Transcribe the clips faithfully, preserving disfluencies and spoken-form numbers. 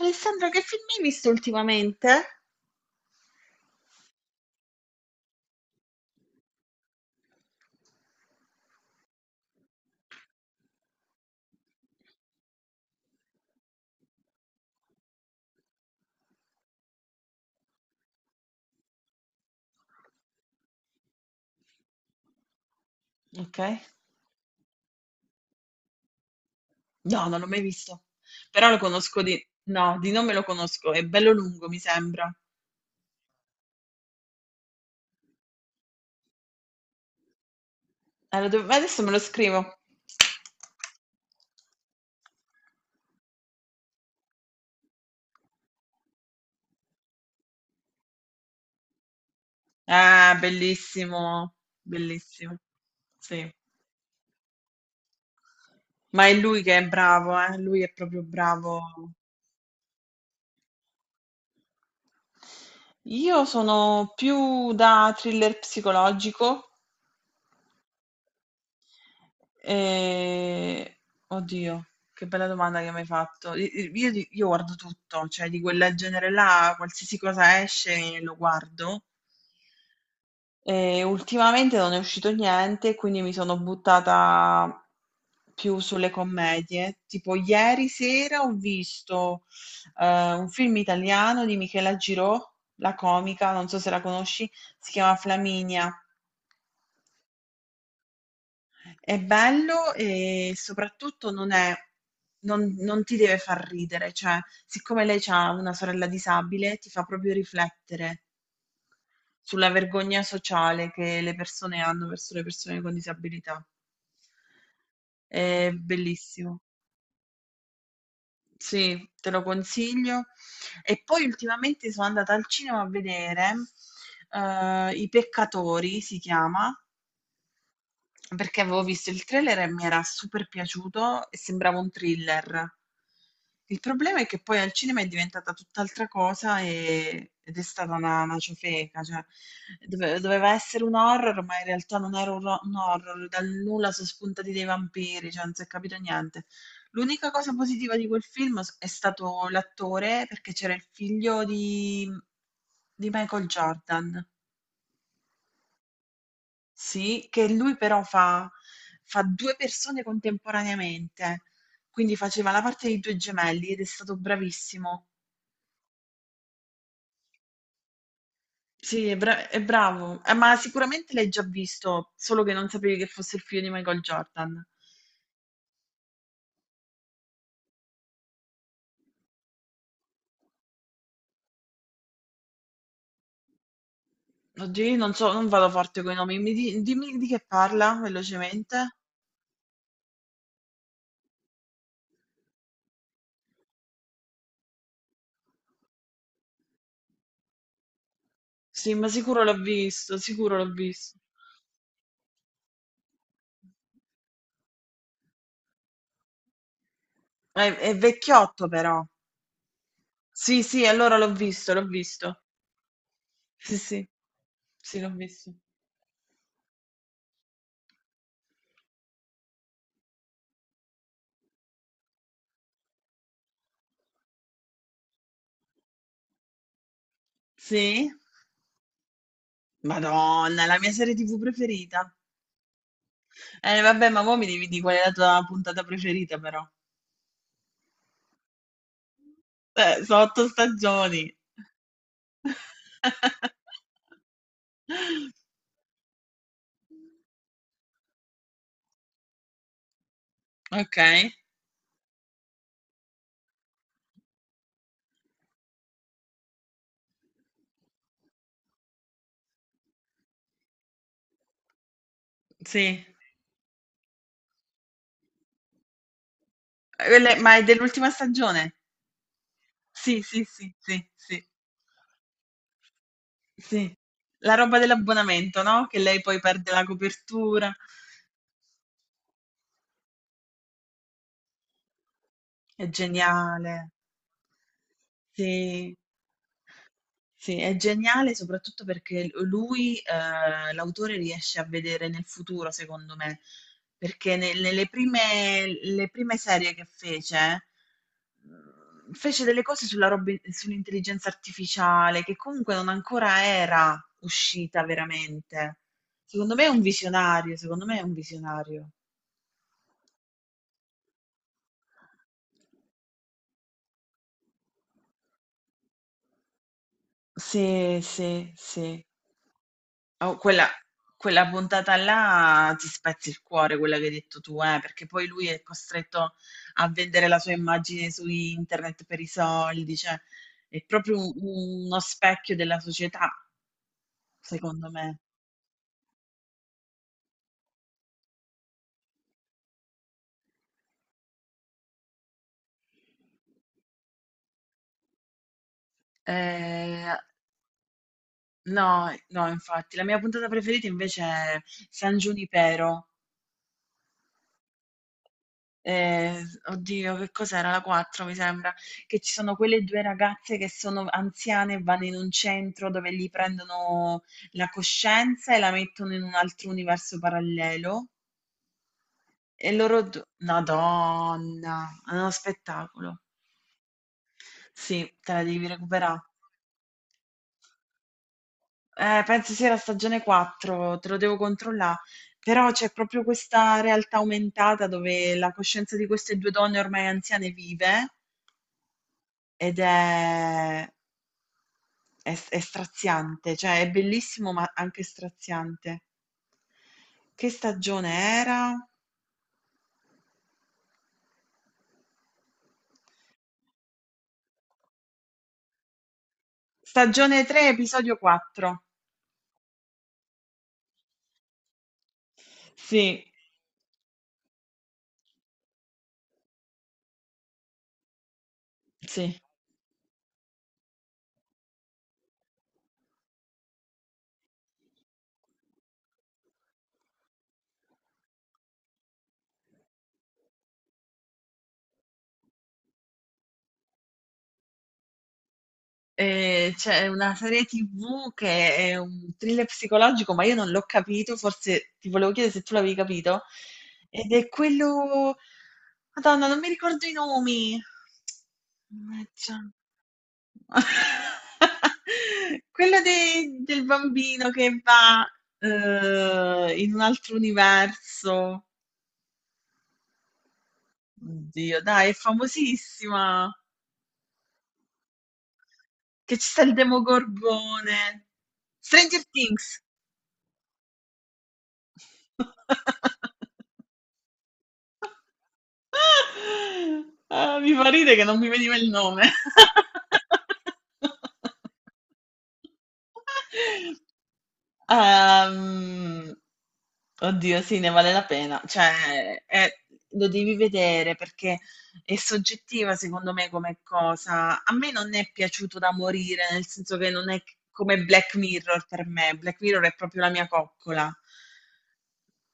Alessandra, che film hai visto ultimamente? Ok? No, non l'ho mai visto. Però lo conosco di... No, di nome lo conosco. È bello lungo, mi sembra. Allora, dov- adesso me lo scrivo. Ah, bellissimo. Bellissimo. Sì. Ma è lui che è bravo, eh? Lui è proprio bravo. Io sono più da thriller psicologico. E... Oddio, che bella domanda che mi hai fatto. I- i- Io, di- io guardo tutto, cioè di quel genere là, qualsiasi cosa esce lo guardo. E ultimamente non è uscito niente, quindi mi sono buttata più sulle commedie. Tipo ieri sera ho visto eh, un film italiano di Michela Girò, la comica, non so se la conosci, si chiama Flaminia. È bello e soprattutto non è non non ti deve far ridere, cioè siccome lei c'ha una sorella disabile, ti fa proprio riflettere sulla vergogna sociale che le persone hanno verso le persone con disabilità. È bellissimo. Sì, te lo consiglio. E poi ultimamente sono andata al cinema a vedere, eh, I Peccatori, si chiama. Perché avevo visto il trailer e mi era super piaciuto e sembrava un thriller. Il problema è che poi al cinema è diventata tutt'altra cosa e- ed è stata una, una ciofeca, cioè dove- doveva essere un horror, ma in realtà non era un, ro- un horror, dal nulla sono spuntati dei vampiri, cioè non si è capito niente. L'unica cosa positiva di quel film s- è stato l'attore, perché c'era il figlio di, di Michael Jordan, sì, che lui però fa fa due persone contemporaneamente, quindi faceva la parte di due gemelli ed è stato bravissimo. Sì, è bra è bravo, eh, ma sicuramente l'hai già visto, solo che non sapevi che fosse il figlio di Michael Jordan. Oddio, io non so, non vado forte con i nomi, mi di- dimmi di che parla velocemente. Sì, ma sicuro l'ho visto, sicuro l'ho visto. È, è vecchiotto però. Sì, sì, allora l'ho visto, l'ho visto. Sì, sì, sì, l'ho visto. Sì? Madonna, è la mia serie T V preferita. Eh, vabbè, ma mo' mi devi dì qual è la tua puntata preferita però. Eh, sono otto stagioni. Okay, sì. Quelle ma è dell'ultima stagione? Sì, sì, sì, sì, sì, sì. La roba dell'abbonamento, no, che lei poi perde la copertura. È geniale. Sì. Sì, è geniale soprattutto perché l lui, ehm, l'autore riesce a vedere nel futuro secondo me, perché ne nelle prime le prime serie che fece, mhmm, fece delle cose sulla robe sull'intelligenza artificiale che comunque non ancora era uscita veramente. Secondo me è un visionario, secondo me è un visionario. Sì, sì, sì. Oh, quella, quella puntata là ti spezzi il cuore, quella che hai detto tu, eh, perché poi lui è costretto a vendere la sua immagine su internet per i soldi, cioè è proprio un- uno specchio della società, secondo me. Eh, no, no, infatti, la mia puntata preferita invece è San Giunipero. Ehm, oddio che cos'era? La quattro mi sembra, che ci sono quelle due ragazze che sono anziane e vanno in un centro dove gli prendono la coscienza e la mettono in un altro universo parallelo e loro du Madonna, è uno spettacolo. Sì, te la devi recuperà. Eh, penso sia la stagione quattro, te lo devo controllà. Però c'è proprio questa realtà aumentata dove la coscienza di queste due donne ormai anziane vive ed è È s è straziante, cioè è bellissimo, ma anche straziante. Che stagione era? Stagione tre, episodio quattro. Sì, sì. Ehm, c'è una serie T V che è un thriller psicologico, ma io non l'ho capito, forse ti volevo chiedere se tu l'avevi capito. Ed è quello... Madonna, non mi ricordo i nomi. Mannaggia. Quello de- del bambino che va, eh, in un altro universo. Oddio, dai, è famosissima. Che ci sta il Demogorgone. Stranger Things. Ah, mi fa ridere che non mi veniva il nome. Ehm, oddio, sì, ne vale la pena. Cioè, è- lo devi vedere perché è soggettiva, secondo me, come cosa. A me non è piaciuto da morire, nel senso che non è come Black Mirror per me. Black Mirror è proprio la mia coccola.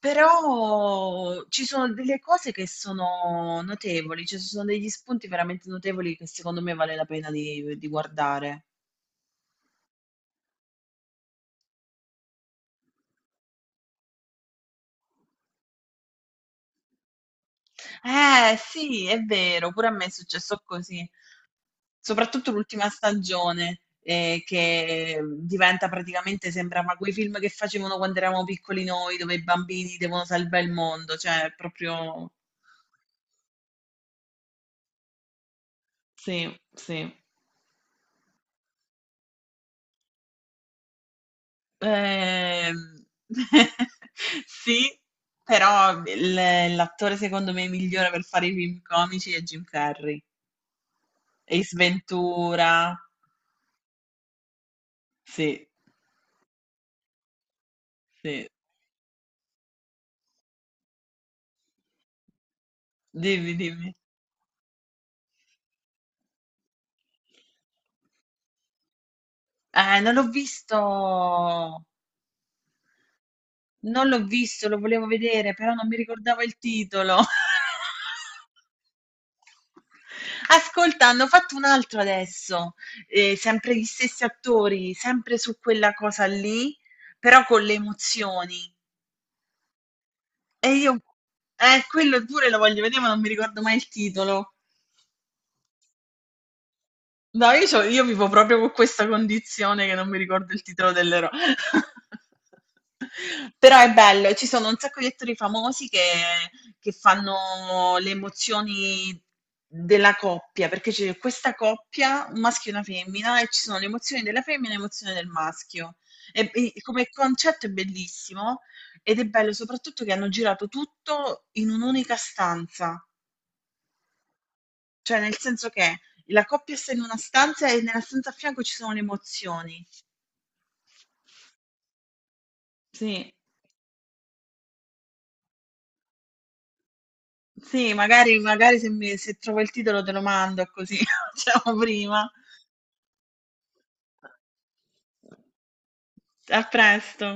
Però ci sono delle cose che sono notevoli, cioè ci sono degli spunti veramente notevoli che secondo me vale la pena di di guardare. Eh sì, è vero, pure a me è successo così, soprattutto l'ultima stagione, eh, che diventa praticamente, sembrava quei film che facevano quando eravamo piccoli noi, dove i bambini devono salvare il mondo, cioè è proprio... Sì, sì. Ehm, sì, però il- l'attore secondo me migliore per fare i film comici è Jim Carrey. Ace Ventura, sì, sì, dimmi, dimmi. Eh, non l'ho visto, non l'ho visto, lo volevo vedere, però non mi ricordavo il titolo. Ascolta, hanno fatto un altro adesso, eh, sempre gli stessi attori, sempre su quella cosa lì, però con le emozioni. E io, eh, quello pure lo voglio vedere, ma non mi ricordo mai il titolo. No, io, c'ho- io vivo proprio con questa condizione che non mi ricordo il titolo dell'eroe. Però è bello, ci sono un sacco di attori famosi che, che fanno le emozioni della coppia, perché c'è questa coppia, un maschio e una femmina, e ci sono le emozioni della femmina e le emozioni del maschio. E, e come concetto è bellissimo ed è bello soprattutto che hanno girato tutto in un'unica stanza. Cioè, nel senso che la coppia sta in una stanza e nella stanza a fianco ci sono le emozioni. Sì, sì, magari, magari se, mi- se trovo il titolo te lo mando così facciamo prima. A presto.